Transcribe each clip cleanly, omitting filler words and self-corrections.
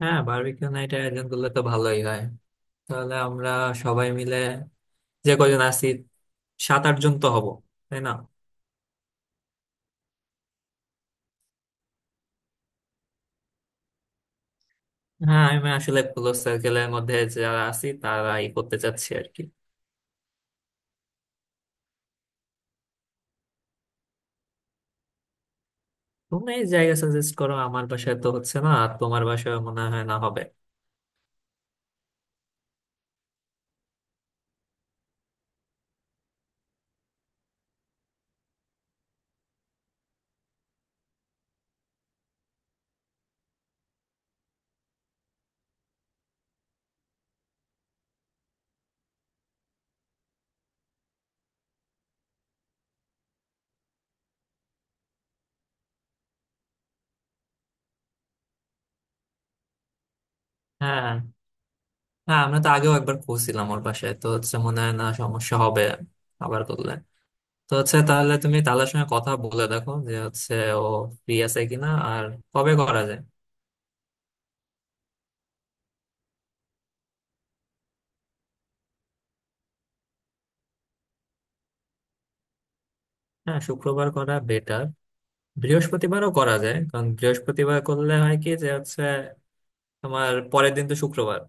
হ্যাঁ, বারবিকিউ নাইটের আয়োজন করলে তো ভালোই হয়। তাহলে আমরা সবাই মিলে, যে কজন আছি, 7-8 জন তো হব, তাই না? হ্যাঁ, আমি আসলে ক্লোজ সার্কেলের মধ্যে যারা আছি তারাই করতে চাচ্ছি আর কি। তুমি জায়গা সাজেস্ট করো। আমার বাসায় তো হচ্ছে না, আর তোমার বাসায় মনে হয় না হবে। হ্যাঁ, হ্যাঁ, আমরা তো আগেও একবার খুঁজছিলাম, ওর বাসায় তো হচ্ছে, মনে হয় না সমস্যা হবে। আবার করলে তো হচ্ছে, তাহলে তুমি তাদের সঙ্গে কথা বলে দেখো যে হচ্ছে, ও ফ্রি আছে কিনা, আর কবে করা যায়। হ্যাঁ, শুক্রবার করা বেটার। বৃহস্পতিবারও করা যায়, কারণ বৃহস্পতিবার করলে হয় কি যে হচ্ছে, তোমার পরের দিন তো শুক্রবার,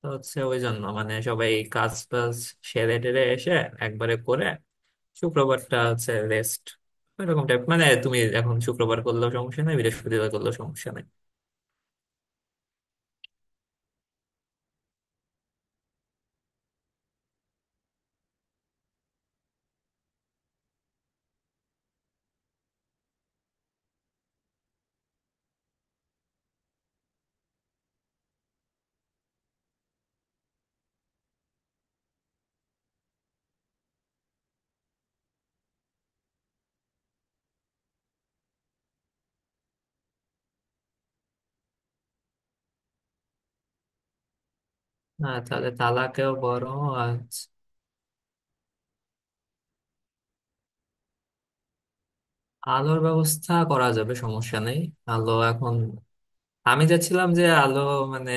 তো হচ্ছে ওই জন্য মানে সবাই কাজ টাজ সেরে টেরে এসে একবারে করে, শুক্রবারটা হচ্ছে রেস্ট এরকম টাইপ। মানে তুমি এখন শুক্রবার করলেও সমস্যা নেই, বৃহস্পতিবার করলেও সমস্যা নেই। হ্যাঁ, তাহলে তালাকেও বড় আজ। আলোর ব্যবস্থা করা যাবে, সমস্যা নেই। আলো এখন, আমি যাচ্ছিলাম যে আলো মানে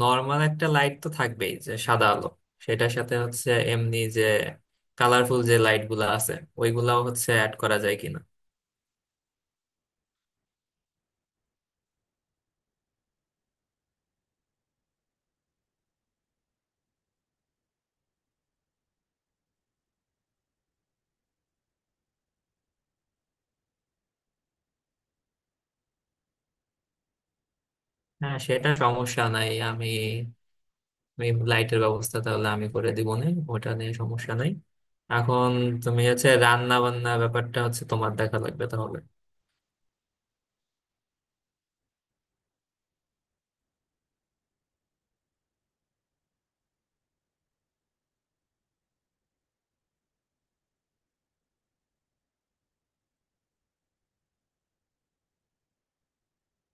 নর্মাল একটা লাইট তো থাকবেই, যে সাদা আলো, সেটার সাথে হচ্ছে এমনি যে কালারফুল যে লাইট গুলা আছে ওইগুলাও হচ্ছে অ্যাড করা যায় কিনা। হ্যাঁ, সেটা সমস্যা নাই। আমি আমি লাইটের ব্যবস্থা তাহলে আমি করে দিব না, ওটা নিয়ে সমস্যা নাই। এখন তুমি হচ্ছে রান্না বান্না ব্যাপারটা হচ্ছে তোমার দেখা লাগবে তাহলে।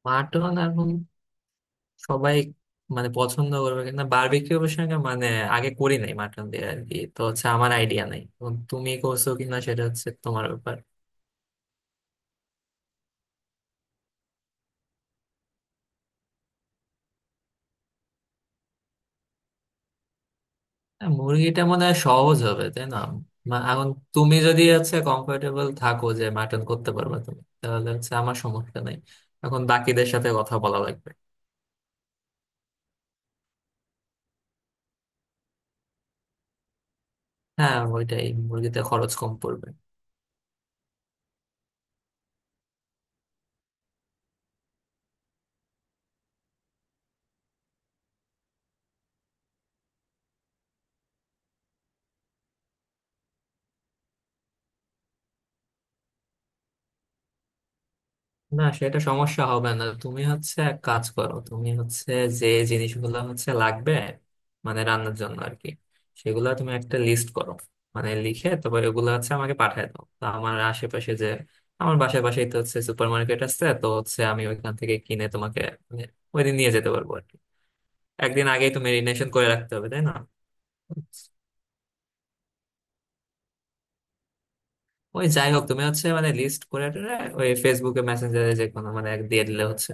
মাটন আর সবাই মানে পছন্দ করবে, কিন্তু বারবিকিউ প্রসঙ্গে মানে আগে করি নাই মাটন দিয়ে আর কি, তো হচ্ছে আমার আইডিয়া নাই, এখন তুমি করছো কিনা সেটা হচ্ছে তোমার ব্যাপার। হ্যাঁ, মুরগিটা মনে হয় সহজ হবে, তাই না? এখন তুমি যদি হচ্ছে কমফোর্টেবল থাকো যে মাটন করতে পারবে তুমি, তাহলে হচ্ছে আমার সমস্যা নাই। এখন বাকিদের সাথে কথা বলা লাগবে। হ্যাঁ, ওইটাই, মুরগিতে খরচ কম পড়বে। না, সেটা সমস্যা হবে না। তুমি হচ্ছে এক কাজ করো, তুমি হচ্ছে যে জিনিসগুলো হচ্ছে লাগবে মানে রান্নার জন্য আর কি, সেগুলো তুমি একটা লিস্ট করো, মানে লিখে তারপর এগুলো হচ্ছে আমাকে পাঠায় দাও। তো আমার আশেপাশে যে, আমার বাসার পাশেই তো হচ্ছে সুপার মার্কেট আছে, তো হচ্ছে আমি ওইখান থেকে কিনে তোমাকে মানে ওইদিন নিয়ে যেতে পারবো আর কি। একদিন আগেই তো মেরিনেশন করে রাখতে হবে, তাই না? ওই যাই হোক, তুমি হচ্ছে মানে লিস্ট করে টেরে ওই ফেসবুকে মেসেঞ্জারে যে কোনো মানে এক দিয়ে দিলে হচ্ছে।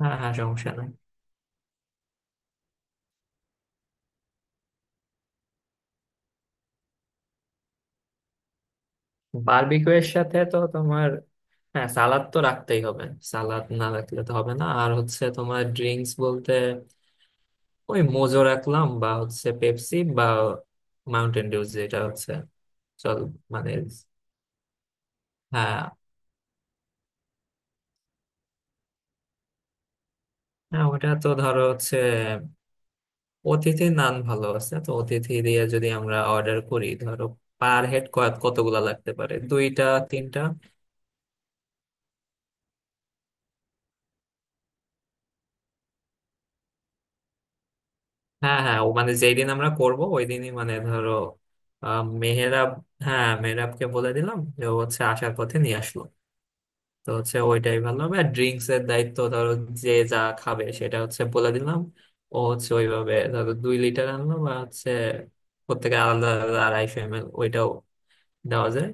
হ্যাঁ, হ্যাঁ, সমস্যা নাই। বারবিকিউ এর সাথে তো তোমার, হ্যাঁ সালাদ তো রাখতেই হবে, সালাদ না রাখলে তো হবে না। আর হচ্ছে তোমার ড্রিঙ্কস বলতে ওই মোজো রাখলাম, বা হচ্ছে পেপসি বা মাউন্টেন ডিউ যেটা হচ্ছে। চল, মানে হ্যাঁ। হ্যাঁ, ওটা তো ধরো হচ্ছে অতিথি নান ভালো আছে, তো অতিথি দিয়ে যদি আমরা অর্ডার করি, ধরো পার হেড কতগুলা লাগতে পারে, দুইটা তিনটা। হ্যাঁ, হ্যাঁ, ও মানে যেই দিন আমরা করব ওই দিনই, মানে ধরো মেহেরাব, হ্যাঁ মেহেরাবকে বলে দিলাম যে ও হচ্ছে আসার পথে নিয়ে আসলো। তো হচ্ছে ওইটাই ভালো হবে। আর ড্রিঙ্কস এর দায়িত্ব ধরো যে যা খাবে সেটা হচ্ছে বলে দিলাম, ও হচ্ছে ওইভাবে ধরো 2 লিটার আনলো, বা হচ্ছে প্রত্যেকে আলাদা আলাদা 250 এম এল ওইটাও দেওয়া যায়।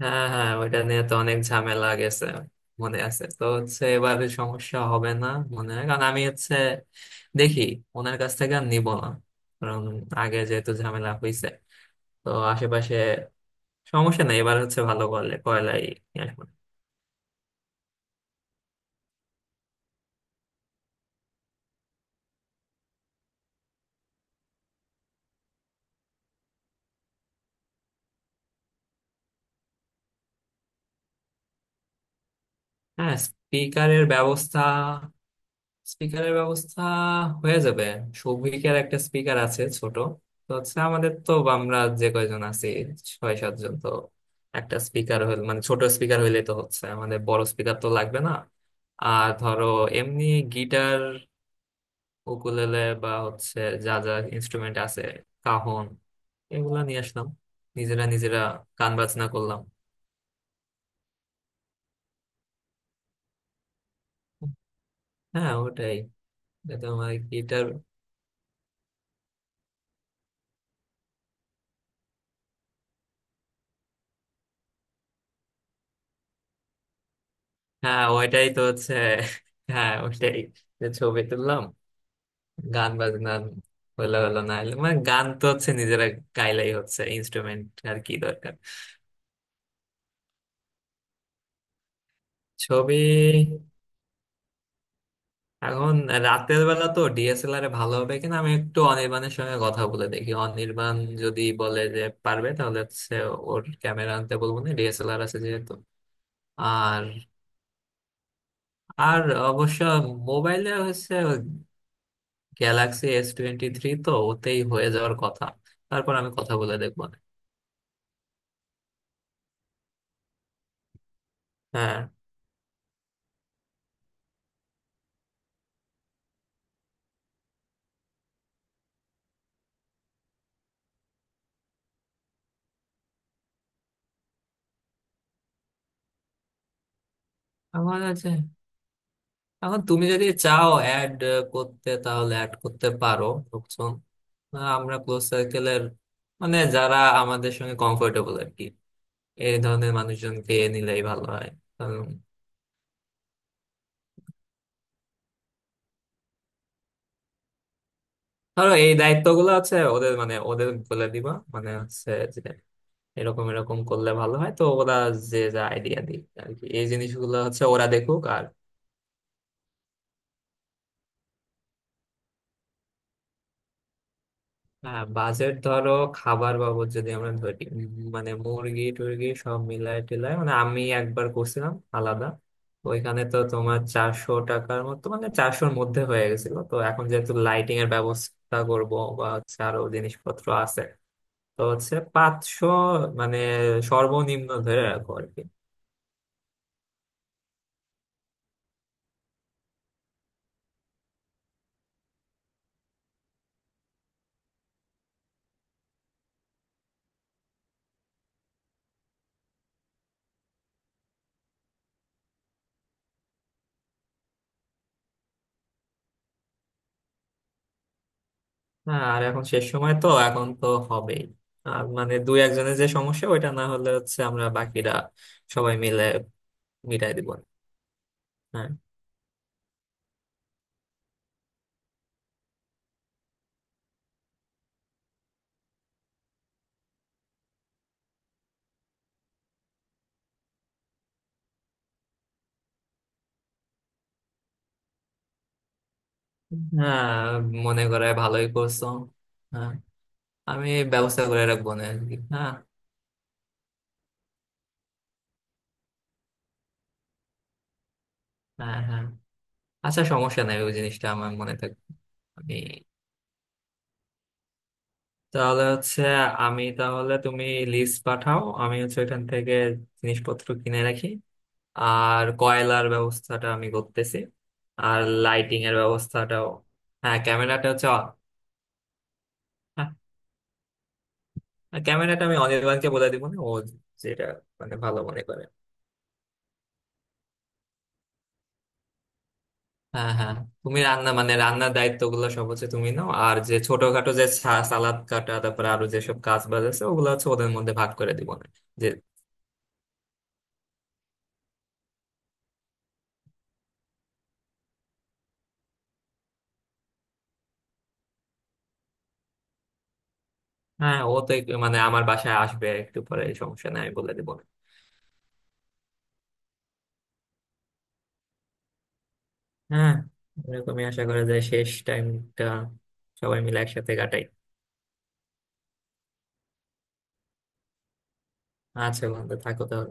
হ্যাঁ, হ্যাঁ, ওইটা নিয়ে তো অনেক ঝামেলা গেছে, মনে আছে তো, হচ্ছে এবারে সমস্যা হবে না মনে হয়। কারণ আমি হচ্ছে দেখি, ওনার কাছ থেকে আর নিবো না, কারণ আগে যেহেতু ঝামেলা হয়েছে। তো আশেপাশে সমস্যা নেই, এবার হচ্ছে ভালো করলে কয়লাই নিয়ে আসবো। হ্যাঁ, স্পিকারের ব্যবস্থা, স্পিকারের ব্যবস্থা হয়ে যাবে। সৌভিকের একটা স্পিকার আছে ছোট, তো হচ্ছে আমাদের তো, আমরা যে কয়জন আছি 6-7 জন, তো একটা স্পিকার হইলে মানে ছোট স্পিকার হইলে তো হচ্ছে আমাদের বড় স্পিকার তো লাগবে না। আর ধরো এমনি গিটার, উকুলেলে, বা হচ্ছে যা যা ইনস্ট্রুমেন্ট আছে, কাহন, এগুলা নিয়ে আসলাম, নিজেরা নিজেরা গান বাজনা করলাম। হ্যাঁ, ওটাই। এটা আমার গিটার। হ্যাঁ, ওইটাই তো হচ্ছে, হ্যাঁ ওইটাই, যে ছবি তুললাম, গান বাজনা হলো হলো না হলো, মানে গান তো হচ্ছে নিজেরা গাইলেই হচ্ছে, ইনস্ট্রুমেন্ট আর কি দরকার। ছবি এখন রাতের বেলা তো ডিএসএলআর এ ভালো হবে কিনা, আমি একটু অনির্বাণের সঙ্গে কথা বলে দেখি। অনির্বাণ যদি বলে যে পারবে তাহলে হচ্ছে ওর ক্যামেরা আনতে বলবো না, ডিএসএলআর আছে যেহেতু। আর আর অবশ্য মোবাইলে হচ্ছে গ্যালাক্সি S23, তো ওতেই হয়ে যাওয়ার কথা। তারপর আমি কথা বলে দেখবো না। হ্যাঁ, আমার আছে। এখন তুমি যদি চাও অ্যাড করতে তাহলে অ্যাড করতে পারো লোকজন। আমরা ক্লোজ সার্কেলের মানে যারা আমাদের সঙ্গে কমফোর্টেবল আর কি, এই ধরনের মানুষজনকে নিলেই ভালো হয়। কারণ ধরো এই দায়িত্বগুলো আছে ওদের, মানে ওদের বলে দিবা মানে হচ্ছে যে এরকম এরকম করলে ভালো হয়, তো ওরা যে যা আইডিয়া দিক আর কি, এই জিনিসগুলো হচ্ছে ওরা দেখুক। আর হ্যাঁ, বাজেট ধরো খাবার বাবদ যদি আমরা ধরি মানে মুরগি টুরগি সব মিলায় টিলায় মানে আমি একবার করছিলাম আলাদা, ওইখানে তো তোমার চারশো টাকার মতো, মানে 400'র মধ্যে হয়ে গেছিল। তো এখন যেহেতু লাইটিং এর ব্যবস্থা করব বা হচ্ছে আরো জিনিসপত্র আছে, তো হচ্ছে 500 মানে সর্বনিম্ন ধরে রাখো আর কি। হ্যাঁ, আর এখন শেষ সময় তো, এখন তো হবেই। আর মানে দুই একজনের যে সমস্যা ওইটা না হলে হচ্ছে আমরা বাকিরা সবাই মিলে মিটাই দিব। হ্যাঁ, হ্যাঁ, মনে করে ভালোই করছো। হ্যাঁ, আমি ব্যবস্থা করে রাখবো না আর কি। হ্যাঁ, হ্যাঁ, হ্যাঁ, আচ্ছা সমস্যা নাই, ওই জিনিসটা আমার মনে থাকবে। আমি তাহলে হচ্ছে আমি তাহলে, তুমি লিস্ট পাঠাও, আমি হচ্ছে ওইখান থেকে জিনিসপত্র কিনে রাখি। আর কয়লার ব্যবস্থাটা আমি করতেছি। আর লাইটিং এর ব্যবস্থাটাও। হ্যাঁ, ক্যামেরাটা হচ্ছে, হ্যাঁ ক্যামেরাটা আমি অনির্বাণকে বলে দিব না, ও যেটা মানে ভালো মনে করে। হ্যাঁ, হ্যাঁ, তুমি রান্না মানে রান্নার দায়িত্ব গুলো সব হচ্ছে তুমি নাও। আর যে ছোটখাটো যে সালাদ কাটা, তারপরে আরো যেসব কাজ বাজ আছে, ওগুলো হচ্ছে ওদের মধ্যে ভাগ করে দিব না যে। হ্যাঁ, ও তো একটু মানে আমার বাসায় আসবে একটু পরে, এই সমস্যা নাই, আমি বলে দিব না। হ্যাঁ, এরকমই আশা করা যায়, শেষ টাইমটা সবাই মিলে একসাথে কাটাই। আচ্ছা বন্ধু, থাকো তাহলে।